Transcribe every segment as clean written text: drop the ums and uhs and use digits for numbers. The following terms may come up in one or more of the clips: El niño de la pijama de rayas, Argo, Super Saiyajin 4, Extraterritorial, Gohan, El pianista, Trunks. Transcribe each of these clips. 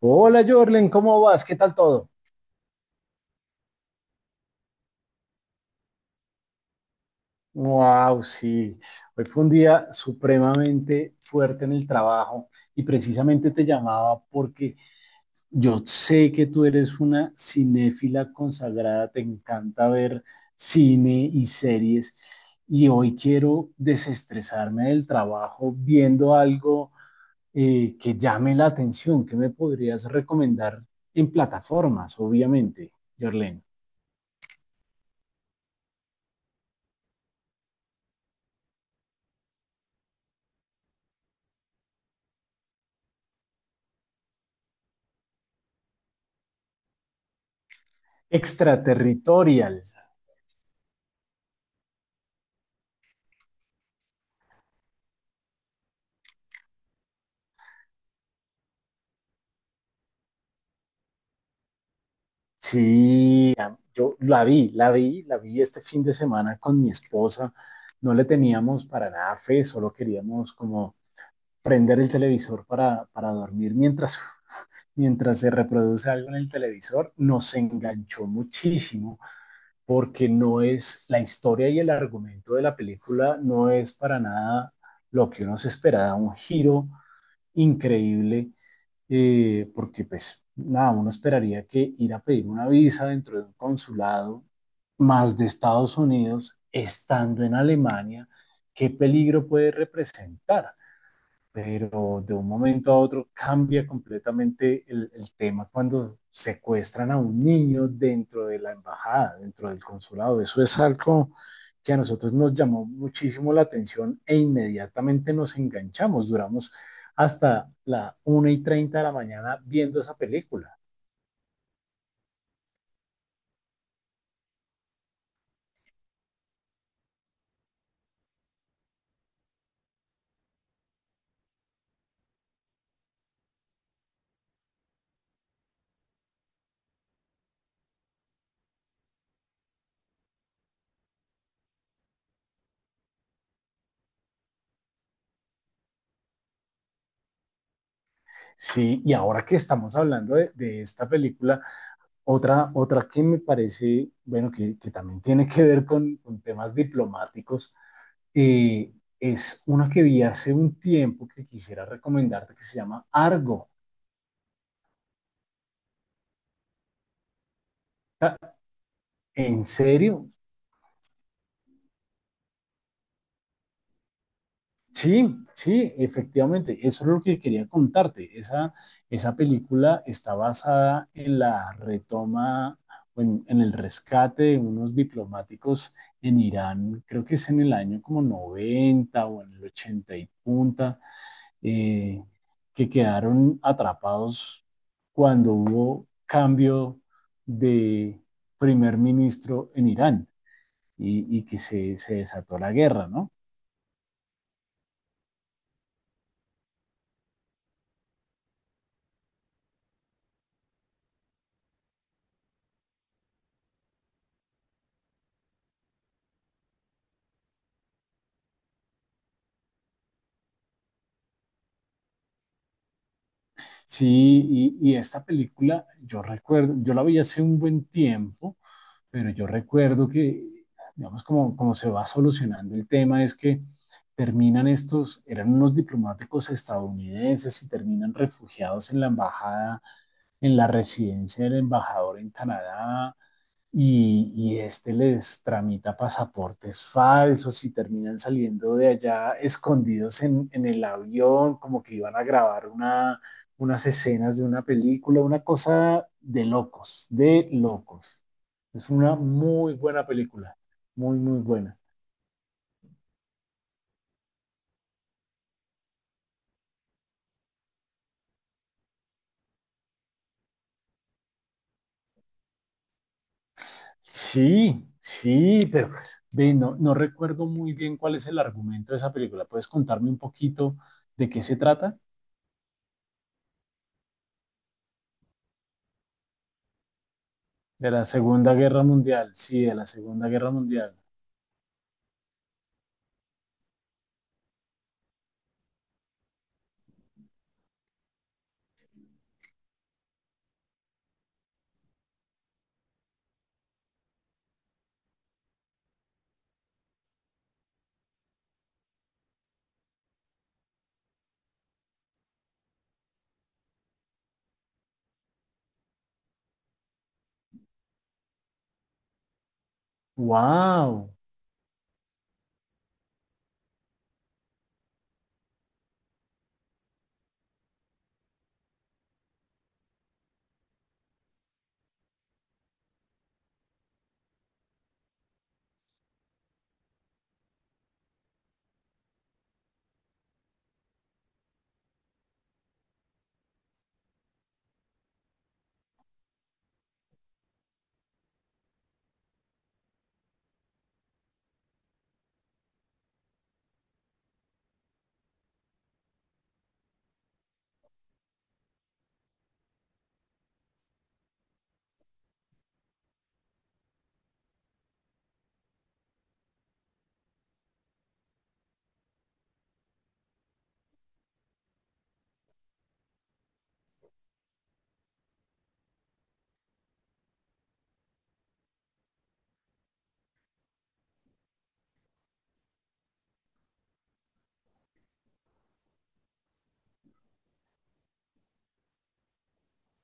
Hola Jorlen, ¿cómo vas? ¿Qué tal todo? Wow, sí. Hoy fue un día supremamente fuerte en el trabajo y precisamente te llamaba porque yo sé que tú eres una cinéfila consagrada, te encanta ver cine y series y hoy quiero desestresarme del trabajo viendo algo que llame la atención. ¿Qué me podrías recomendar en plataformas, obviamente, Jorlen? Extraterritorial. Sí, yo la vi, la vi, la vi este fin de semana con mi esposa. No le teníamos para nada fe, solo queríamos como prender el televisor para dormir mientras se reproduce algo en el televisor. Nos enganchó muchísimo porque no es la historia y el argumento de la película, no es para nada lo que uno se esperaba, un giro increíble porque pues nada, uno esperaría que ir a pedir una visa dentro de un consulado más de Estados Unidos, estando en Alemania, ¿qué peligro puede representar? Pero de un momento a otro cambia completamente el tema cuando secuestran a un niño dentro de la embajada, dentro del consulado. Eso es algo que a nosotros nos llamó muchísimo la atención e inmediatamente nos enganchamos, duramos hasta la 1:30 de la mañana viendo esa película. Sí, y ahora que estamos hablando de esta película, otra que me parece, bueno, que también tiene que ver con temas diplomáticos, eh, es una que vi hace un tiempo que quisiera recomendarte que se llama Argo. Ah, ¿en serio? Sí, sí, efectivamente, eso es lo que quería contarte. Esa película está basada en la retoma, o en el rescate de unos diplomáticos en Irán, creo que es en el año como 90 o en el 80 y punta eh, que quedaron atrapados cuando hubo cambio de primer ministro en Irán y que se desató la guerra, ¿no? Sí, y esta película, yo recuerdo, yo la vi hace un buen tiempo pero yo recuerdo que, digamos, como se va solucionando el tema es que terminan estos, eran unos diplomáticos estadounidenses y terminan refugiados en la embajada, en la residencia del embajador en Canadá, y este les tramita pasaportes falsos y terminan saliendo de allá escondidos en el avión, como que iban a grabar unas escenas de una película, una cosa de locos, de locos. Es una muy buena película, muy, muy buena. Sí, sí, pero ve, no, no recuerdo muy bien cuál es el argumento de esa película. ¿Puedes contarme un poquito de qué se trata? De la Segunda Guerra Mundial, sí, de la Segunda Guerra Mundial. Wow.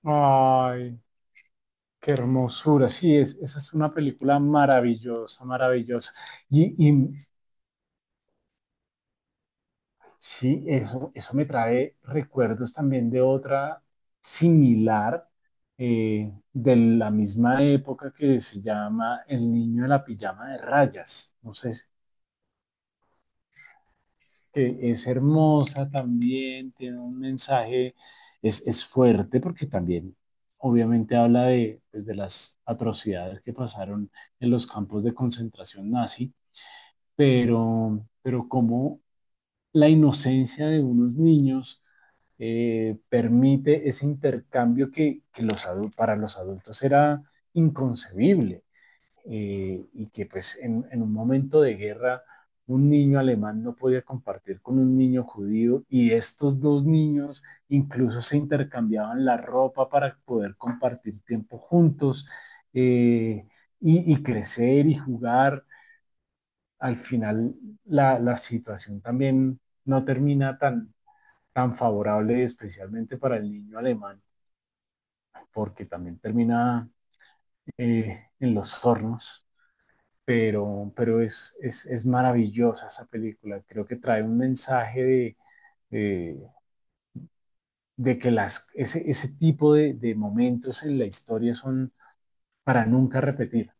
Ay, qué hermosura. Sí, esa es una película maravillosa, maravillosa. Y sí, eso me trae recuerdos también de otra similar de la misma época que se llama El niño de la pijama de rayas. No sé, si que es hermosa también, tiene un mensaje, es fuerte porque también obviamente habla de, pues, de las atrocidades que pasaron en los campos de concentración nazi, pero como la inocencia de unos niños permite ese intercambio que los, para los adultos era inconcebible y que pues en un momento de guerra un niño alemán no podía compartir con un niño judío y estos dos niños incluso se intercambiaban la ropa para poder compartir tiempo juntos eh, y crecer y jugar. Al final la situación también no termina tan, tan favorable, especialmente para el niño alemán, porque también termina en los hornos pero es maravillosa esa película. Creo que trae un mensaje de, de que las, ese tipo de momentos en la historia son para nunca repetir.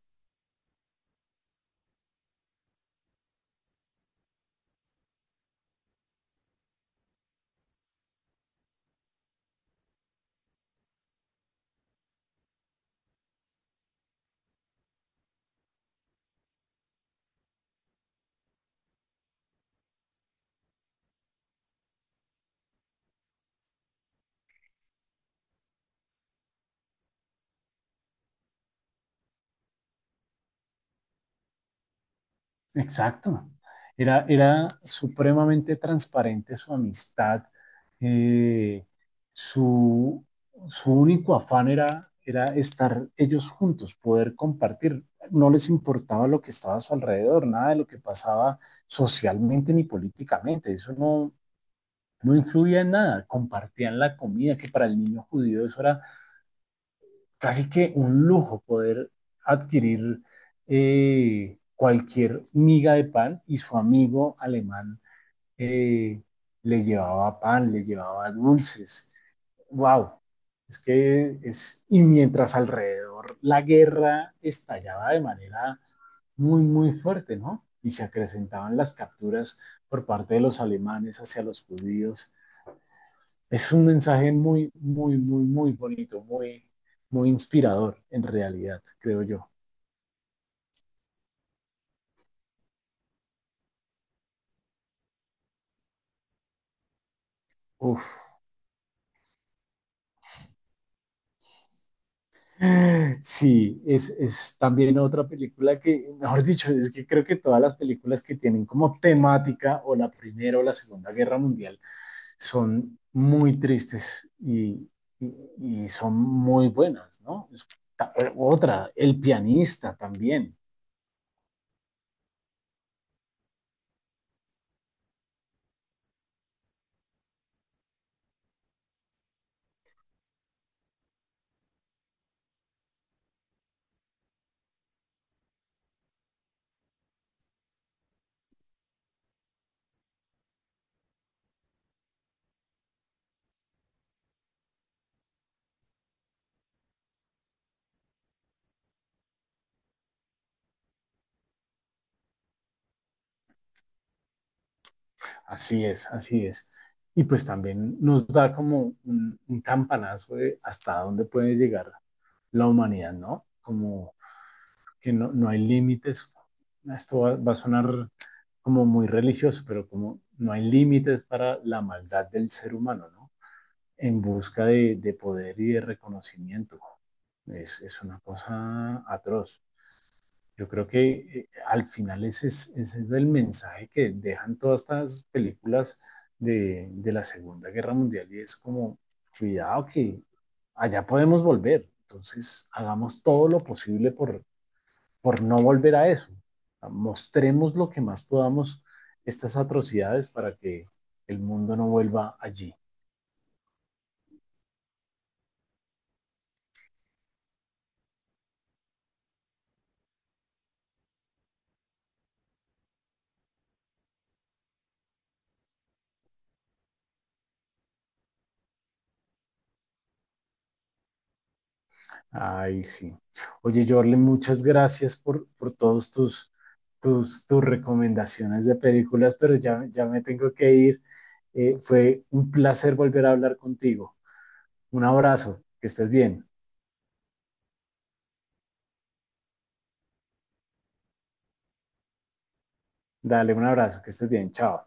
Exacto. Era supremamente transparente su amistad. eh, su, su único afán era, era estar ellos juntos, poder compartir. No les importaba lo que estaba a su alrededor, nada de lo que pasaba socialmente ni políticamente. Eso no influía en nada. Compartían la comida, que para el niño judío eso era casi que un lujo poder adquirir cualquier miga de pan y su amigo alemán eh, le llevaba pan, le llevaba dulces. ¡Wow! Es que es, y mientras alrededor la guerra estallaba de manera muy, muy fuerte, ¿no? Y se acrecentaban las capturas por parte de los alemanes hacia los judíos, es un mensaje muy, muy, muy, muy bonito, muy, muy inspirador en realidad, creo yo. Uf, sí, es también otra película que, mejor dicho, es que creo que todas las películas que tienen como temática o la Primera o la Segunda Guerra Mundial son muy tristes y, y son muy buenas, ¿no? Otra, El pianista también. Así es, así es. Y pues también nos da como un, campanazo de hasta dónde puede llegar la humanidad, ¿no? Como que no hay límites. Esto va a sonar como muy religioso, pero como no hay límites para la maldad del ser humano, ¿no? En busca de poder y de reconocimiento. Es una cosa atroz. Yo creo que al final ese es el mensaje que dejan todas estas películas de la Segunda Guerra Mundial y es como, cuidado que allá podemos volver. Entonces, hagamos todo lo posible por no volver a eso. Mostremos lo que más podamos estas atrocidades para que el mundo no vuelva allí. Ay, sí. Oye, Jorlen, muchas gracias por todos tus, tus recomendaciones de películas, pero ya, ya me tengo que ir. Fue un placer volver a hablar contigo. Un abrazo, que estés bien. Dale un abrazo, que estés bien. Chao.